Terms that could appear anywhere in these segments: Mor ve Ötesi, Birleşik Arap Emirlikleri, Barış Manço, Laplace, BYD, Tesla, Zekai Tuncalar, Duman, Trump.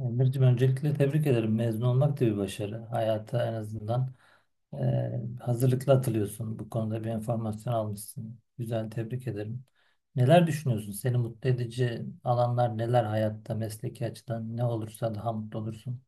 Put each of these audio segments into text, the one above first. Emir'cim öncelikle tebrik ederim. Mezun olmak da bir başarı. Hayata en azından hazırlıklı atılıyorsun. Bu konuda bir enformasyon almışsın. Güzel, tebrik ederim. Neler düşünüyorsun? Seni mutlu edici alanlar neler hayatta, mesleki açıdan ne olursa daha mutlu olursun.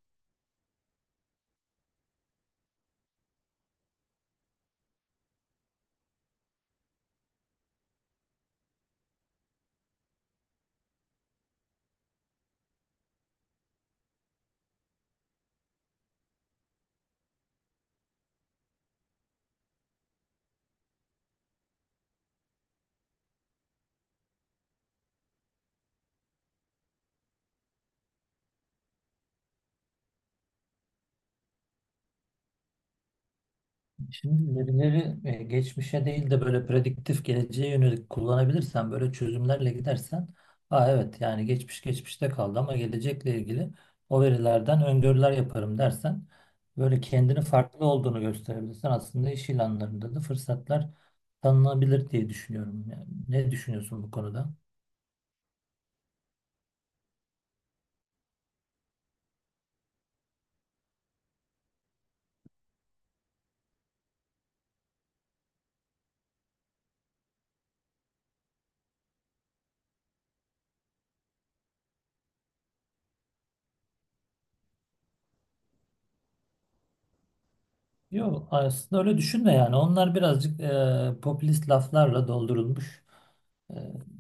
Şimdi verileri geçmişe değil de böyle prediktif geleceğe yönelik kullanabilirsen, böyle çözümlerle gidersen, evet yani geçmiş geçmişte kaldı ama gelecekle ilgili o verilerden öngörüler yaparım dersen, böyle kendini farklı olduğunu gösterebilirsen aslında iş ilanlarında da fırsatlar tanınabilir diye düşünüyorum. Yani ne düşünüyorsun bu konuda? Yok aslında öyle düşünme yani. Onlar birazcık popülist laflarla doldurulmuş. E,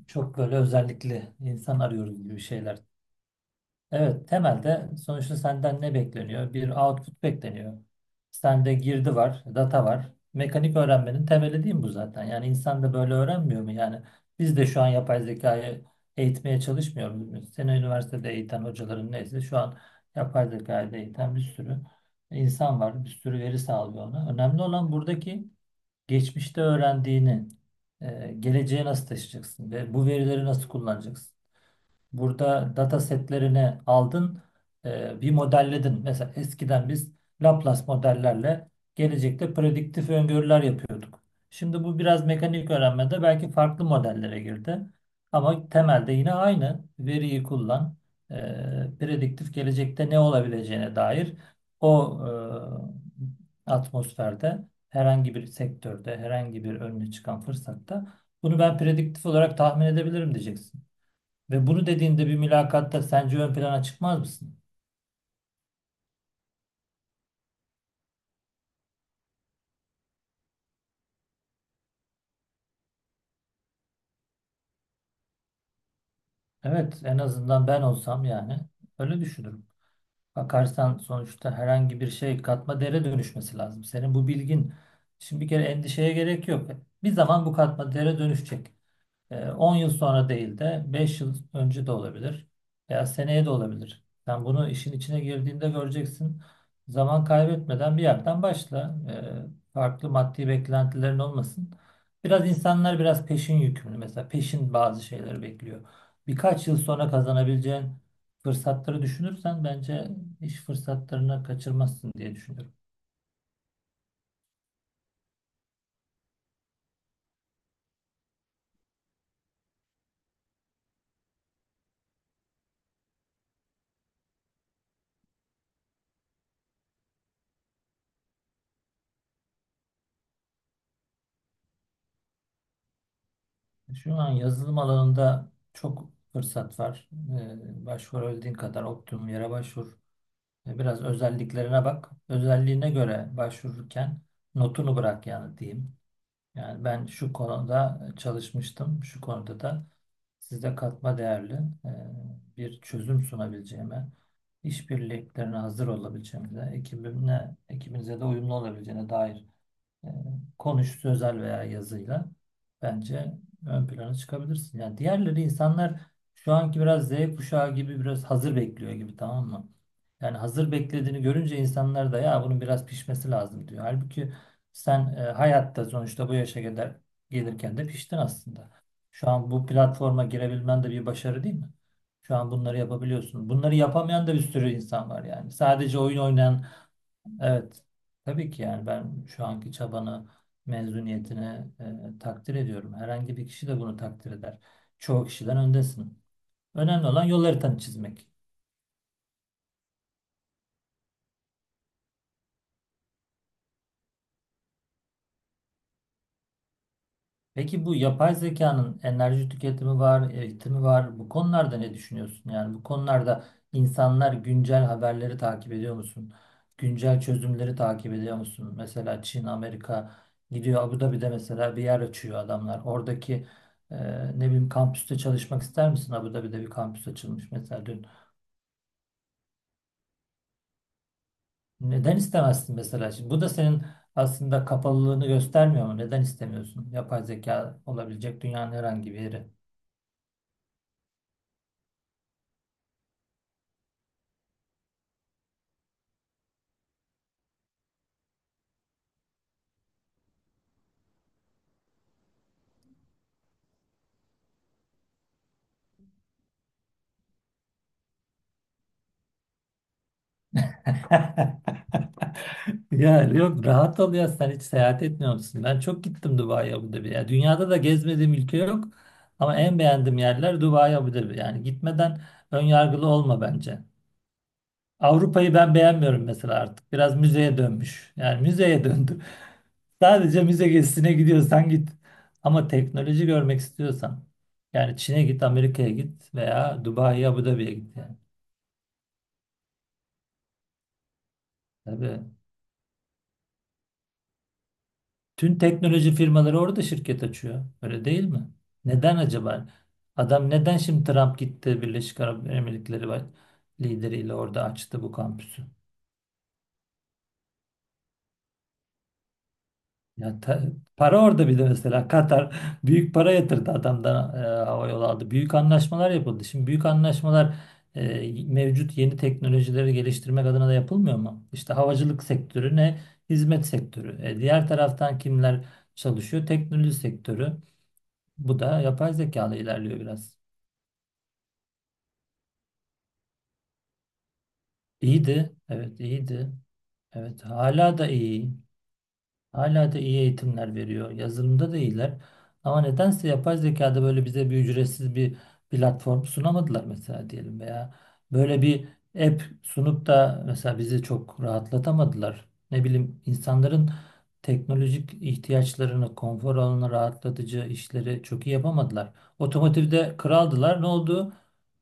Çok böyle özellikle insan arıyoruz gibi şeyler. Evet, temelde sonuçta senden ne bekleniyor? Bir output bekleniyor. Sende girdi var, data var. Mekanik öğrenmenin temeli değil mi bu zaten? Yani insan da böyle öğrenmiyor mu? Yani biz de şu an yapay zekayı eğitmeye çalışmıyoruz. Muyuz? Seni üniversitede eğiten hocaların neyse şu an yapay zekayı da eğiten bir sürü insan var. Bir sürü veri sağlıyor ona. Önemli olan buradaki geçmişte öğrendiğini, geleceğe nasıl taşıyacaksın ve bu verileri nasıl kullanacaksın? Burada data setlerini aldın, bir modelledin. Mesela eskiden biz Laplace modellerle gelecekte prediktif öngörüler yapıyorduk. Şimdi bu biraz mekanik öğrenmede belki farklı modellere girdi. Ama temelde yine aynı veriyi kullan, e, prediktif gelecekte ne olabileceğine dair o atmosferde herhangi bir sektörde, herhangi bir önüne çıkan fırsatta bunu ben prediktif olarak tahmin edebilirim diyeceksin. Ve bunu dediğinde bir mülakatta sence ön plana çıkmaz mısın? Evet, en azından ben olsam yani öyle düşünürüm. Bakarsan sonuçta herhangi bir şey katma değere dönüşmesi lazım. Senin bu bilgin şimdi bir kere endişeye gerek yok. Bir zaman bu katma değere dönüşecek. 10 yıl sonra değil de 5 yıl önce de olabilir veya seneye de olabilir. Sen bunu işin içine girdiğinde göreceksin. Zaman kaybetmeden bir yerden başla. Farklı maddi beklentilerin olmasın. Biraz insanlar biraz peşin yükümlü. Mesela peşin bazı şeyleri bekliyor. Birkaç yıl sonra kazanabileceğin fırsatları düşünürsen bence iş fırsatlarını kaçırmazsın diye düşünüyorum. Şu an yazılım alanında çok fırsat var. Başvurabildiğin kadar optimum yere başvur. Biraz özelliklerine bak. Özelliğine göre başvururken notunu bırak yani diyeyim. Yani ben şu konuda çalışmıştım. Şu konuda da size katma değerli e, bir çözüm sunabileceğime, işbirliklerine hazır olabileceğimize, ekibimle, ekibinize de uyumlu olabileceğine dair e, konuş sözel veya yazıyla bence ön plana çıkabilirsin. Yani diğerleri insanlar şu anki biraz Z kuşağı gibi biraz hazır bekliyor gibi tamam mı? Yani hazır beklediğini görünce insanlar da ya bunun biraz pişmesi lazım diyor. Halbuki sen hayatta sonuçta bu yaşa kadar gelirken de piştin aslında. Şu an bu platforma girebilmen de bir başarı değil mi? Şu an bunları yapabiliyorsun. Bunları yapamayan da bir sürü insan var yani. Sadece oyun oynayan evet. Tabii ki yani ben şu anki çabanı, mezuniyetini takdir ediyorum. Herhangi bir kişi de bunu takdir eder. Çoğu kişiden öndesin. Önemli olan yol haritanı çizmek. Peki bu yapay zekanın enerji tüketimi var, eğitimi var. Bu konularda ne düşünüyorsun? Yani bu konularda insanlar güncel haberleri takip ediyor musun? Güncel çözümleri takip ediyor musun? Mesela Çin, Amerika gidiyor Abu Dhabi'de mesela bir yer açıyor adamlar. Oradaki e, ne bileyim kampüste çalışmak ister misin? Abu Dhabi'de bir kampüs açılmış mesela dün. Neden istemezsin mesela şimdi? Bu da senin aslında kapalılığını göstermiyor mu? Neden istemiyorsun? Yapay zeka olabilecek dünyanın herhangi bir yeri. Ya yok rahat ol ya sen hiç seyahat etmiyor musun? Ben çok gittim Dubai Abu Dhabi. Ya dünyada da gezmediğim ülke yok ama en beğendiğim yerler Dubai Abu Dhabi. Yani gitmeden ön yargılı olma bence. Avrupa'yı ben beğenmiyorum mesela artık. Biraz müzeye dönmüş. Yani müzeye döndü. Sadece müze gezisine gidiyorsan git. Ama teknoloji görmek istiyorsan yani Çin'e git, Amerika'ya git veya Dubai Abu Dhabi'ye git yani. Tabii. Tüm teknoloji firmaları orada şirket açıyor. Öyle değil mi? Neden acaba? Adam neden şimdi Trump gitti Birleşik Arap Emirlikleri var, lideriyle orada açtı bu kampüsü? Ya ta- Para orada, bir de mesela Katar büyük para yatırdı adamdan hava yolu aldı. Büyük anlaşmalar yapıldı. Şimdi büyük anlaşmalar mevcut yeni teknolojileri geliştirmek adına da yapılmıyor mu? İşte havacılık sektörü ne? Hizmet sektörü. Diğer taraftan kimler çalışıyor? Teknoloji sektörü. Bu da yapay zekalı ilerliyor biraz. İyiydi. Evet iyiydi. Evet hala da iyi. Hala da iyi eğitimler veriyor. Yazılımda da iyiler. Ama nedense yapay zekada böyle bize bir ücretsiz bir platform sunamadılar mesela diyelim veya böyle bir app sunup da mesela bizi çok rahatlatamadılar. Ne bileyim insanların teknolojik ihtiyaçlarını, konfor alanını, rahatlatıcı işleri çok iyi yapamadılar. Otomotivde kraldılar. Ne oldu?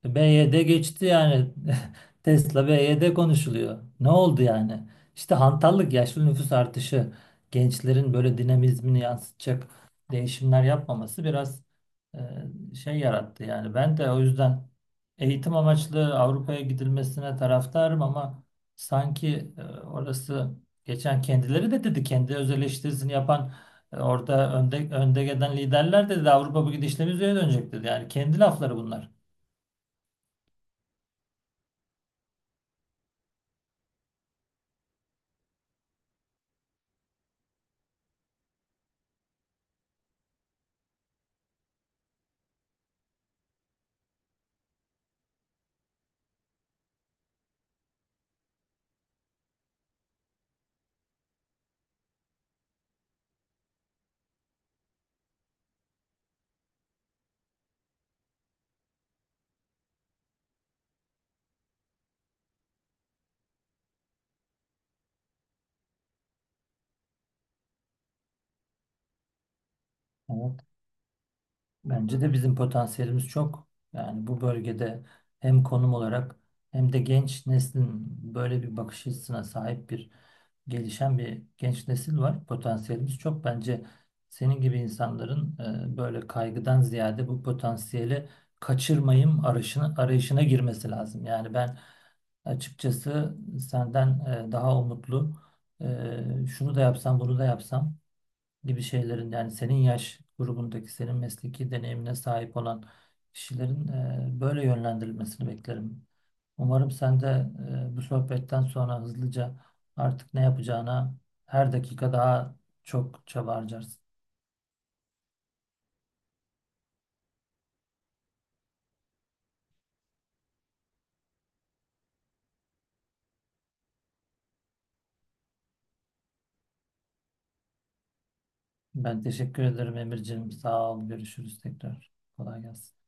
B Y D geçti yani. Tesla B Y D konuşuluyor. Ne oldu yani? İşte hantallık, yaşlı nüfus artışı, gençlerin böyle dinamizmini yansıtacak değişimler yapmaması biraz şey yarattı. Yani ben de o yüzden eğitim amaçlı Avrupa'ya gidilmesine taraftarım ama sanki orası, geçen kendileri de dedi, kendi öz eleştirisini yapan yani, orada önde gelen liderler de dedi Avrupa bu gidişle müziğe dönecek dedi. Yani kendi lafları bunlar. Evet. Bence de bizim potansiyelimiz çok. Yani bu bölgede hem konum olarak hem de genç neslin böyle bir bakış açısına sahip bir gelişen bir genç nesil var. Potansiyelimiz çok. Bence senin gibi insanların böyle kaygıdan ziyade bu potansiyeli kaçırmayayım arayışına, girmesi lazım. Yani ben açıkçası senden daha umutlu şunu da yapsam bunu da yapsam gibi şeylerin yani senin yaş grubundaki senin mesleki deneyimine sahip olan kişilerin böyle yönlendirilmesini beklerim. Umarım sen de bu sohbetten sonra hızlıca artık ne yapacağına her dakika daha çok çaba harcarsın. Ben teşekkür ederim Emirciğim. Sağ ol. Görüşürüz tekrar. Kolay gelsin.